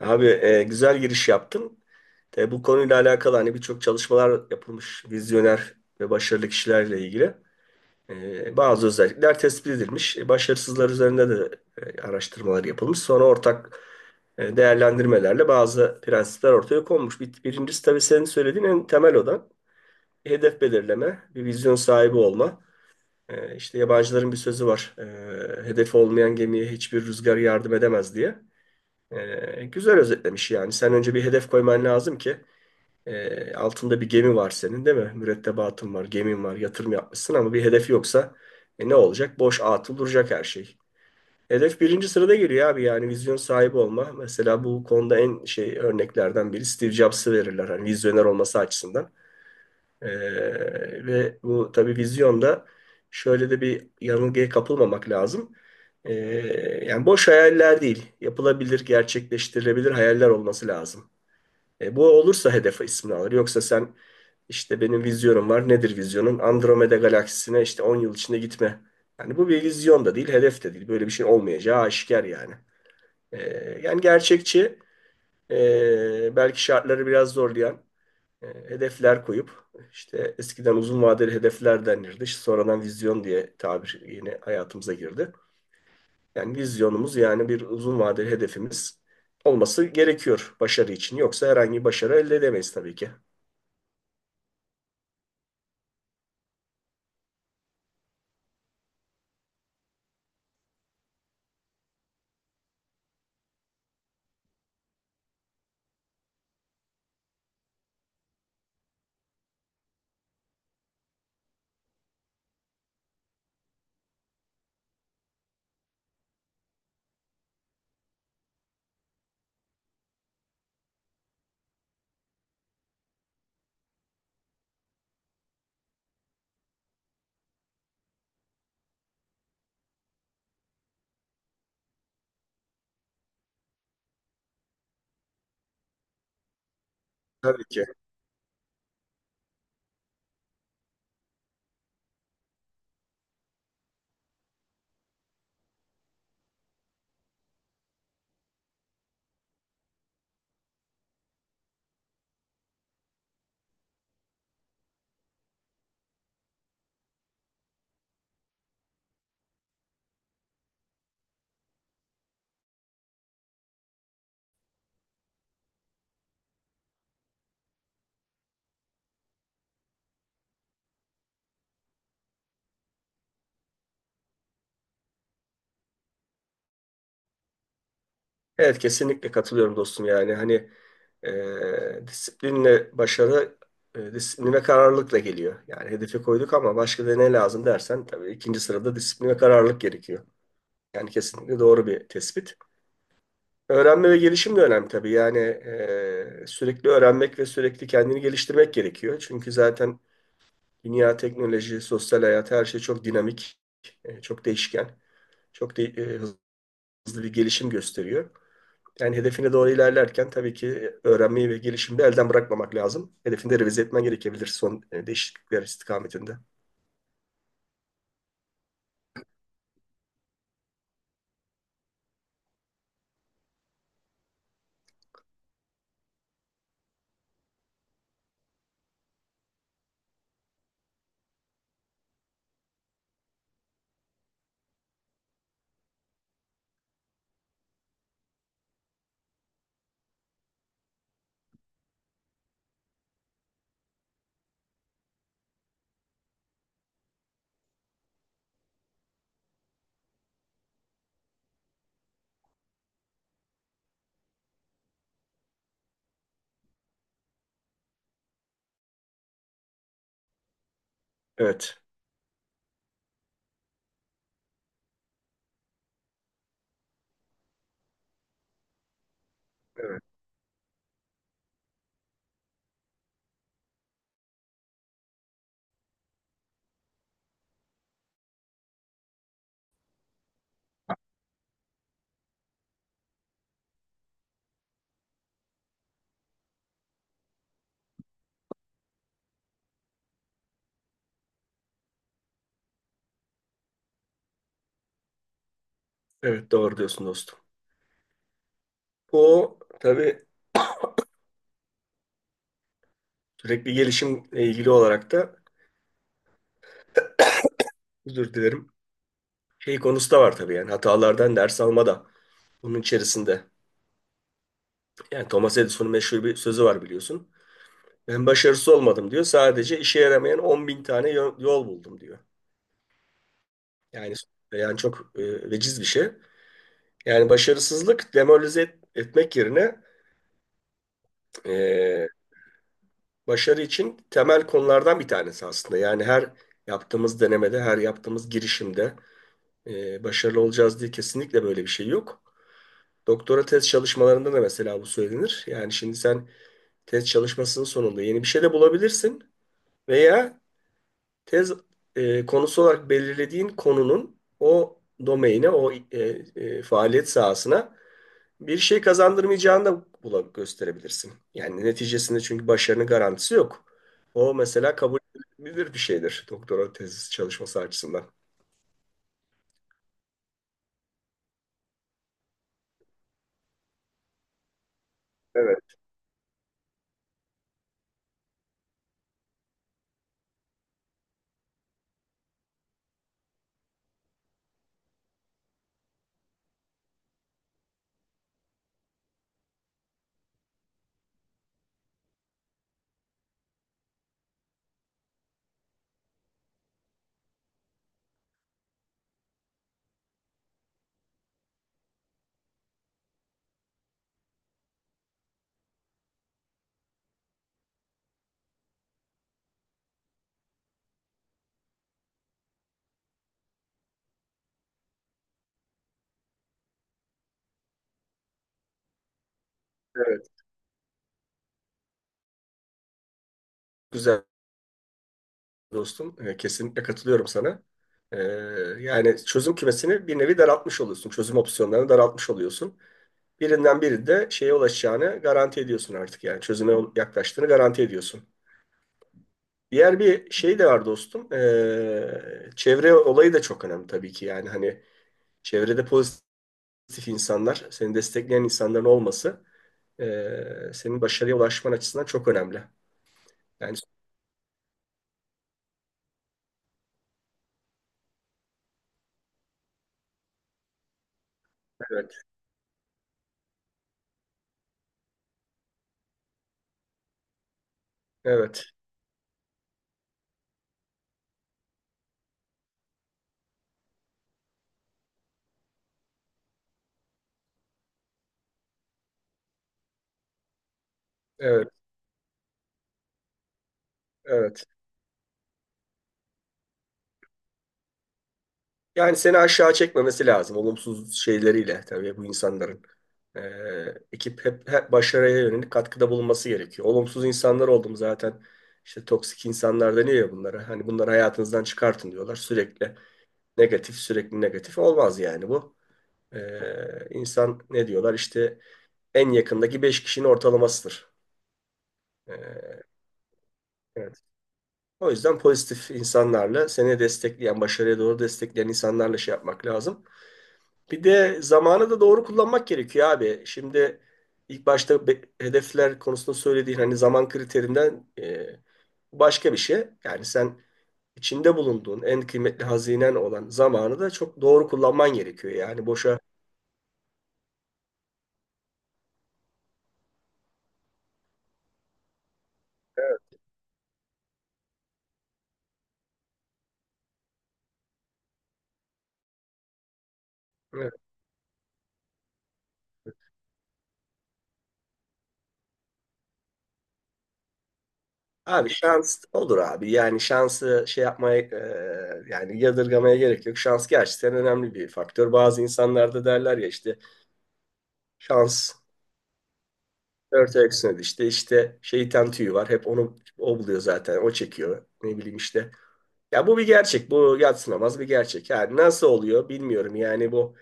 Abi güzel giriş yaptın. Bu konuyla alakalı hani birçok çalışmalar yapılmış vizyoner ve başarılı kişilerle ilgili. Bazı özellikler tespit edilmiş. Başarısızlar üzerinde de araştırmalar yapılmış. Sonra ortak değerlendirmelerle bazı prensipler ortaya konmuş. Birincisi tabii senin söylediğin en temel olan hedef belirleme, bir vizyon sahibi olma. E, işte yabancıların bir sözü var: hedefi olmayan gemiye hiçbir rüzgar yardım edemez diye. Güzel özetlemiş yani. Sen önce bir hedef koyman lazım ki altında bir gemi var senin, değil mi? Mürettebatın var, gemin var, yatırım yapmışsın ama bir hedef yoksa ne olacak? Boş atıl duracak her şey. Hedef birinci sırada geliyor abi, yani vizyon sahibi olma. Mesela bu konuda en şey örneklerden biri Steve Jobs'ı verirler, hani vizyoner olması açısından. Ee, ve bu tabii vizyonda şöyle de bir yanılgıya kapılmamak lazım. Ee, yani boş hayaller değil, yapılabilir, gerçekleştirilebilir hayaller olması lazım. Bu olursa hedef ismini alır. Yoksa sen, işte benim vizyonum var. Nedir vizyonun? Andromeda galaksisine işte 10 yıl içinde gitme. Yani bu bir vizyon da değil, hedef de değil. Böyle bir şey olmayacağı aşikar yani. Yani gerçekçi, belki şartları biraz zorlayan hedefler koyup, işte eskiden uzun vadeli hedefler denirdi. İşte sonradan vizyon diye tabir yine hayatımıza girdi. Yani vizyonumuz, yani bir uzun vadeli hedefimiz olması gerekiyor başarı için. Yoksa herhangi bir başarı elde edemeyiz tabii ki. Tabii ki. Evet, kesinlikle katılıyorum dostum, yani hani disiplinle başarı, disiplin ve kararlılıkla geliyor. Yani hedefi koyduk ama başka da ne lazım dersen, tabii ikinci sırada disiplin ve kararlılık gerekiyor. Yani kesinlikle doğru bir tespit. Öğrenme ve gelişim de önemli tabii. Yani sürekli öğrenmek ve sürekli kendini geliştirmek gerekiyor. Çünkü zaten dünya, teknoloji, sosyal hayat, her şey çok dinamik, çok değişken, çok de- e, hızlı bir gelişim gösteriyor. Yani hedefine doğru ilerlerken tabii ki öğrenmeyi ve gelişimi de elden bırakmamak lazım. Hedefinde revize etmen gerekebilir son değişiklikler istikametinde. Evet, evet, evet, doğru diyorsun dostum. O tabii, sürekli gelişimle ilgili olarak da, özür dilerim, şey konusu da var tabii, yani hatalardan ders alma da bunun içerisinde. Yani Thomas Edison'un meşhur bir sözü var, biliyorsun. Ben başarısız olmadım diyor, sadece işe yaramayan 10.000 tane yol buldum diyor. Yani yani çok veciz bir şey. Yani başarısızlık, demoralize etmek yerine, e, başarı için temel konulardan bir tanesi aslında. Yani her yaptığımız denemede, her yaptığımız girişimde başarılı olacağız diye kesinlikle böyle bir şey yok. Doktora tez çalışmalarında da mesela bu söylenir. Yani şimdi sen, tez çalışmasının sonunda yeni bir şey de bulabilirsin veya tez konusu olarak belirlediğin konunun o domaine, o faaliyet sahasına bir şey kazandırmayacağını da gösterebilirsin. Yani neticesinde, çünkü başarının garantisi yok. O mesela kabul edilebilir bir şeydir doktora tez çalışması açısından. Evet, evet. Güzel dostum. Kesinlikle katılıyorum sana. E, yani çözüm kümesini bir nevi daraltmış oluyorsun. Çözüm opsiyonlarını daraltmış oluyorsun. Birinden biri de şeye ulaşacağını garanti ediyorsun artık, yani çözüme yaklaştığını garanti ediyorsun. Diğer bir şey de var dostum. Çevre olayı da çok önemli tabii ki, yani hani çevrede pozitif insanlar, seni destekleyen insanların olması, senin başarıya ulaşman açısından çok önemli. Yani evet, evet, evet, evet. Yani seni aşağı çekmemesi lazım olumsuz şeyleriyle, tabii bu insanların. Ee, ekip hep başarıya yönelik katkıda bulunması gerekiyor. Olumsuz insanlar oldum zaten. İşte toksik insanlar deniyor ya bunlara. Hani bunları hayatınızdan çıkartın diyorlar. Sürekli negatif, sürekli negatif olmaz yani bu. İnsan, ne diyorlar işte, en yakındaki 5 kişinin ortalamasıdır. Ee, evet. O yüzden pozitif insanlarla, seni destekleyen, başarıya doğru destekleyen insanlarla şey yapmak lazım. Bir de zamanı da doğru kullanmak gerekiyor abi. Şimdi ilk başta hedefler konusunda söylediğin hani zaman kriterinden başka bir şey. Yani sen, içinde bulunduğun en kıymetli hazinen olan zamanı da çok doğru kullanman gerekiyor. Yani boşa. Evet. Evet. Abi şans olur abi. Yani şansı şey yapmaya, yani yadırgamaya gerek yok. Şans gerçekten önemli bir faktör. Bazı insanlarda derler ya işte, şans. Dört ayak, işte şeytan tüyü var. Hep onu o buluyor zaten. O çekiyor. Ne bileyim işte. Ya bu bir gerçek. Bu yadsınamaz bir gerçek. Yani nasıl oluyor bilmiyorum. Yani bu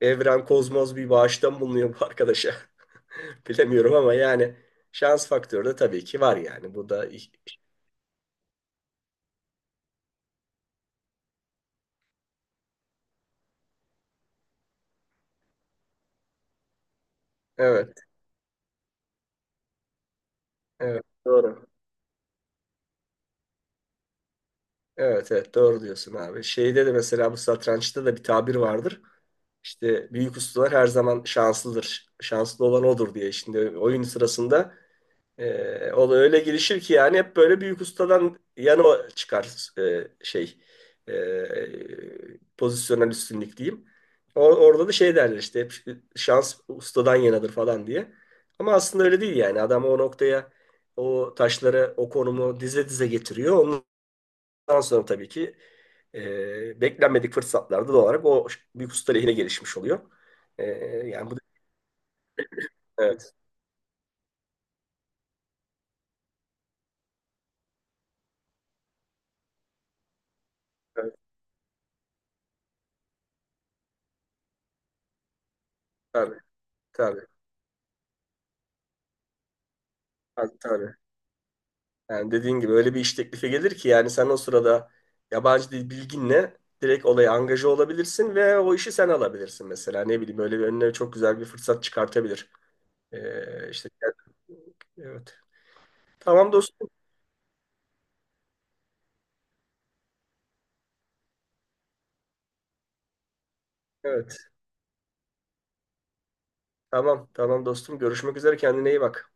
evren, kozmos, bir bağıştan bulunuyor bu arkadaşa. Bilemiyorum ama yani şans faktörü de tabii ki var yani. Bu da evet, evet, doğru. Evet, evet, doğru diyorsun abi. Şeyde de mesela, bu satrançta da bir tabir vardır: İşte büyük ustalar her zaman şanslıdır, şanslı olan odur diye. Şimdi oyun sırasında o da öyle girişir ki, yani hep böyle büyük ustadan yana o çıkar, şey, pozisyonel üstünlük diyeyim. Orada da şey derler işte, hep şans ustadan yanadır falan diye. Ama aslında öyle değil, yani adam o noktaya o taşları o konumu dize dize getiriyor. Ondan sonra tabii ki beklenmedik fırsatlarda doğal olarak o büyük usta lehine gelişmiş oluyor. E, yani bu, evet, evet, tabii, tabii, tabii. Tabii. Yani dediğin gibi öyle bir iş teklifi gelir ki yani sen o sırada yabancı dil bilginle direkt olaya angaje olabilirsin ve o işi sen alabilirsin mesela. Ne bileyim, böyle bir önüne çok güzel bir fırsat çıkartabilir. İşte evet. Tamam dostum. Evet. Tamam tamam dostum. Görüşmek üzere, kendine iyi bak.